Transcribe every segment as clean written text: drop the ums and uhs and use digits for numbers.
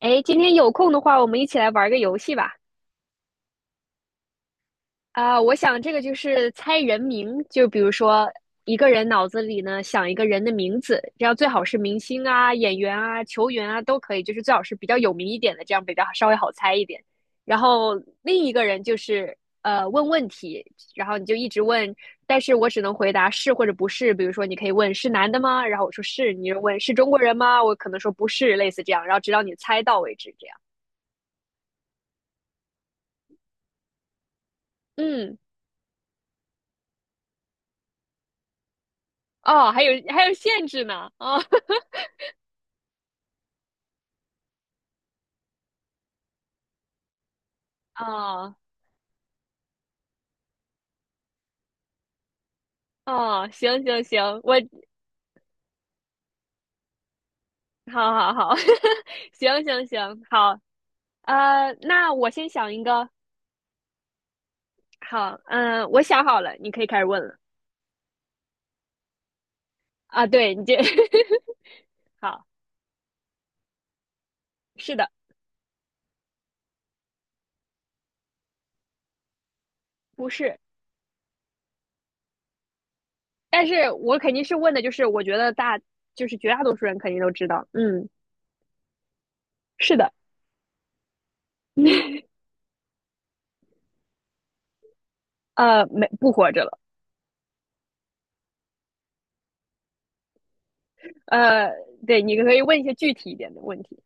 哎，今天有空的话，我们一起来玩个游戏吧。啊、我想这个就是猜人名，就比如说一个人脑子里呢想一个人的名字，这样最好是明星啊、演员啊、球员啊都可以，就是最好是比较有名一点的，这样比较稍微好猜一点。然后另一个人就是问问题，然后你就一直问，但是我只能回答是或者不是。比如说你可以问是男的吗？然后我说是，你就问是中国人吗？我可能说不是，类似这样，然后直到你猜到为止，这样。嗯。哦，还有限制呢，哦 哦哦，行行行，我好好好，行行行，好，那我先想一个，好，嗯，我想好了，你可以开始问了。啊，对，你这 好，是的，不是，但是我肯定是问的，就是我觉得大，就是绝大多数人肯定都知道，嗯，是的，没，不活着了，呃，对，你可以问一些具体一点的问题。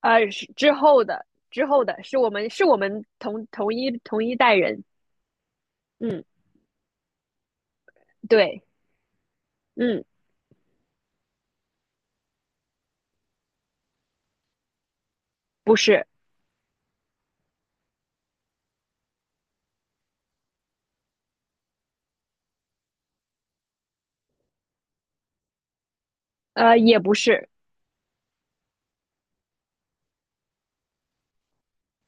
是之后的，之后的是我们同一代人，嗯，对，嗯，不是，也不是，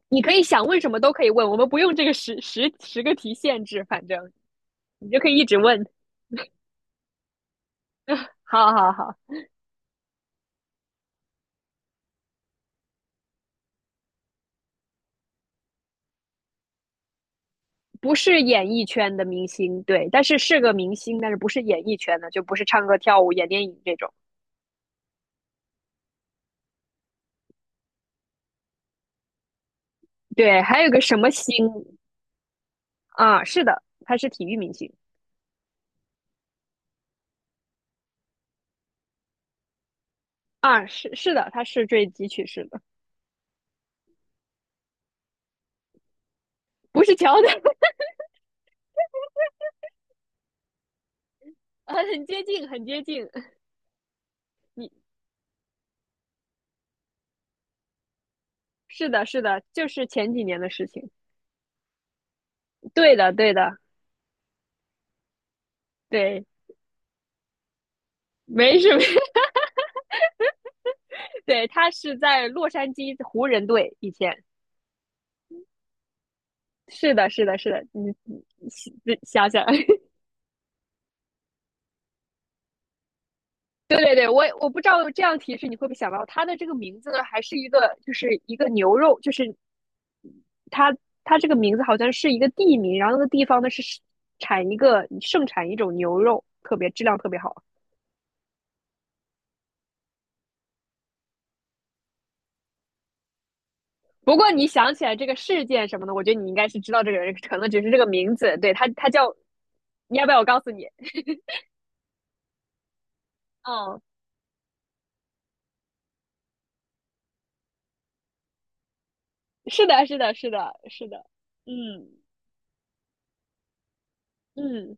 你可以想问什么都可以问，我们不用这个十个题限制，反正你就可以一直问。好好好，不是演艺圈的明星，对，但是是个明星，但是不是演艺圈的，就不是唱歌、跳舞、演电影这种。对，还有个什么星啊？是的，他是体育明星。啊，是的，他是坠机去世的，不是乔丹。很接近，很接近。你是的，是的，就是前几年的事情。对的，对的，对，没什么。对，他是在洛杉矶湖人队以前。是的，是的，是的。你想想，对对对，我不知道这样提示你会不会想到他的这个名字呢？还是一个就是一个牛肉，就是他他这个名字好像是一个地名，然后那个地方呢是产一个盛产一种牛肉，特别质量特别好。不过你想起来这个事件什么的，我觉得你应该是知道这个人可能只是这个名字，对他，他叫，你要不要我告诉你？嗯，是的，是的，是的，是的，嗯嗯，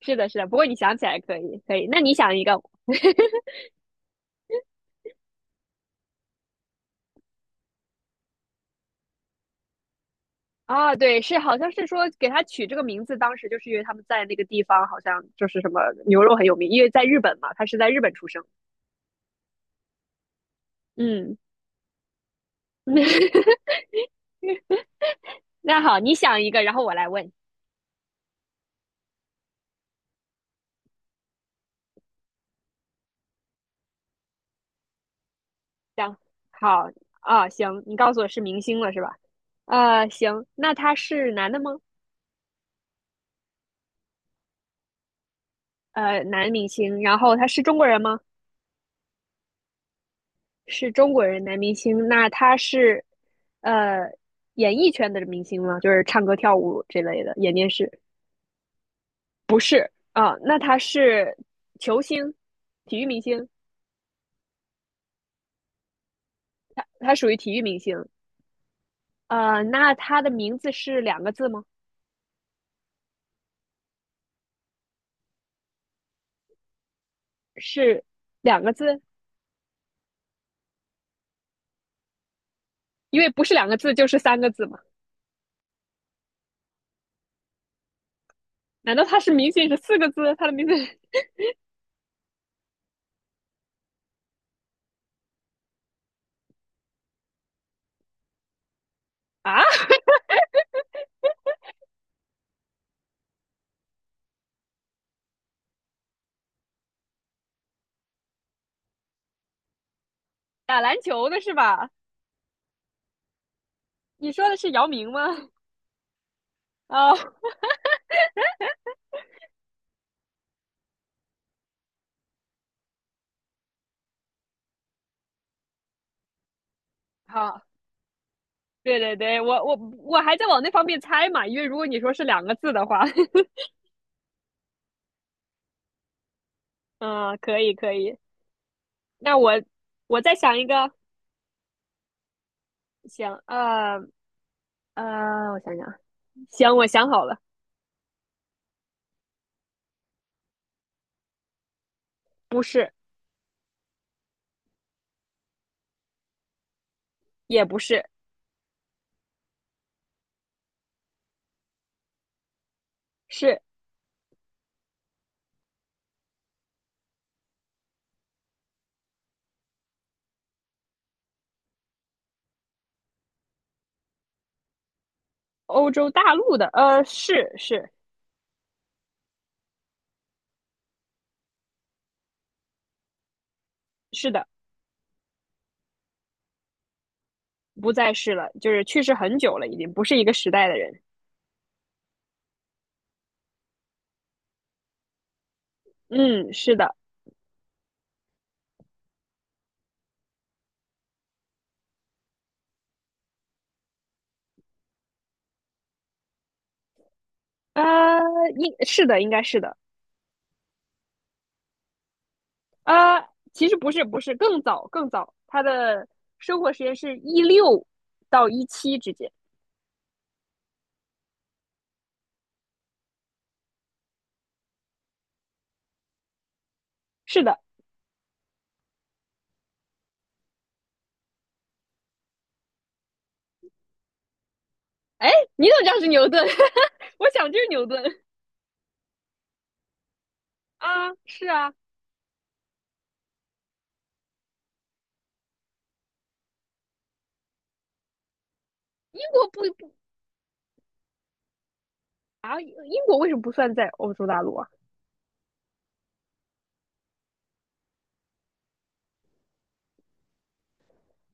是的，是的。不过你想起来可以，可以。那你想一个。啊？对，是好像是说给他取这个名字，当时就是因为他们在那个地方好像就是什么牛肉很有名，因为在日本嘛，他是在日本出生。嗯，那好，你想一个，然后我来问，行，好。啊，行，你告诉我是明星了是吧？行，那他是男的吗？男明星，然后他是中国人吗？是中国人男明星，那他是呃演艺圈的明星吗？就是唱歌跳舞这类的，演电视？不是啊，那他是球星，体育明星，他属于体育明星。那他的名字是两个字吗？是两个字，因为不是两个字就是三个字嘛。难道他是明星是四个字？他的名字 啊，打篮球的是吧？你说的是姚明吗？啊、好，对对对，我还在往那方面猜嘛，因为如果你说是两个字的话，嗯，可以可以。那我再想一个，行，我想想啊，行，我想好了，不是，也不是，是欧洲大陆的，是的，不再是了，就是去世很久了，已经不是一个时代的人。嗯，是的，呃，应是的，应该是的。啊，其实不是，不是，更早更早，他的生活时间是一六到一七之间。是的，哎，你怎么知道是牛顿？我想就是牛顿。啊，是啊，英国不。啊，英国为什么不算在欧洲大陆啊？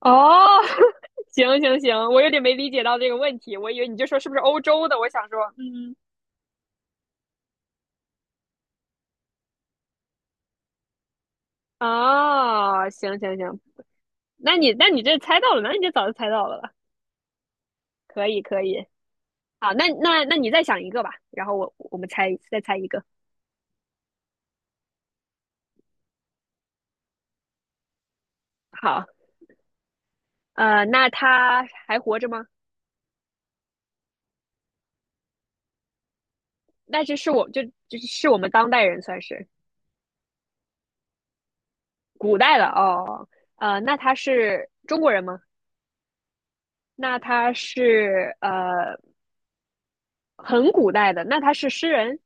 哦，行行行，我有点没理解到这个问题，我以为你就说是不是欧洲的，我想说，嗯，啊，行行行，那你这猜到了，那你这早就猜到了，可以可以，好，那你再想一个吧，然后我们猜再猜一个。好，那他还活着吗？那就是我就是我们当代人算是古代了哦。那他是中国人吗？那他是很古代的，那他是诗人，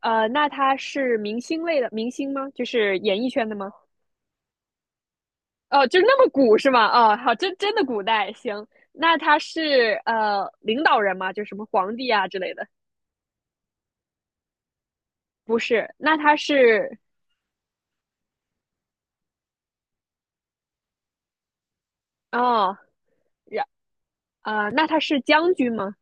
那他是明星类的明星吗？就是演艺圈的吗？哦，就是那么古是吗？哦，好，真的古代，行。那他是领导人吗？就什么皇帝啊之类的？不是，那他是哦。然那他是将军吗？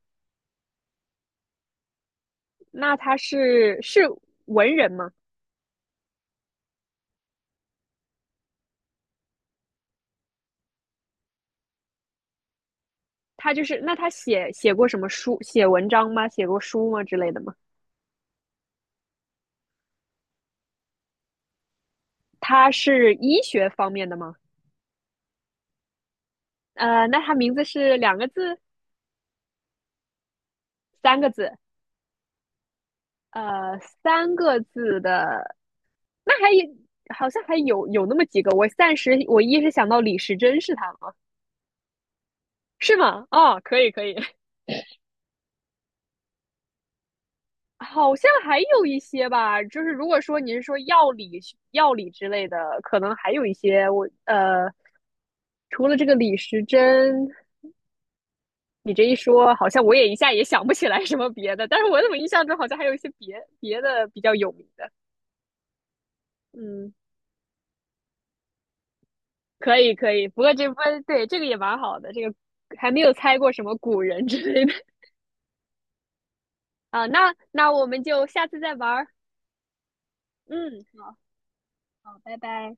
那他是文人吗？他就是那他写过什么书、写文章吗？写过书吗之类的吗？他是医学方面的吗？那他名字是两个字、三个字？呃，三个字的，那还有好像还有那么几个。我暂时我一时想到李时珍是他吗？是吗？哦，可以可以，好像还有一些吧，就是如果说你是说药理之类的，可能还有一些我除了这个李时珍，你这一说，好像我也一下也想不起来什么别的，但是我怎么印象中好像还有一些别的比较有名的，嗯，可以可以，不过这不对，这个也蛮好的，这个还没有猜过什么古人之类的。 啊，那我们就下次再玩儿，嗯，好，好，拜拜。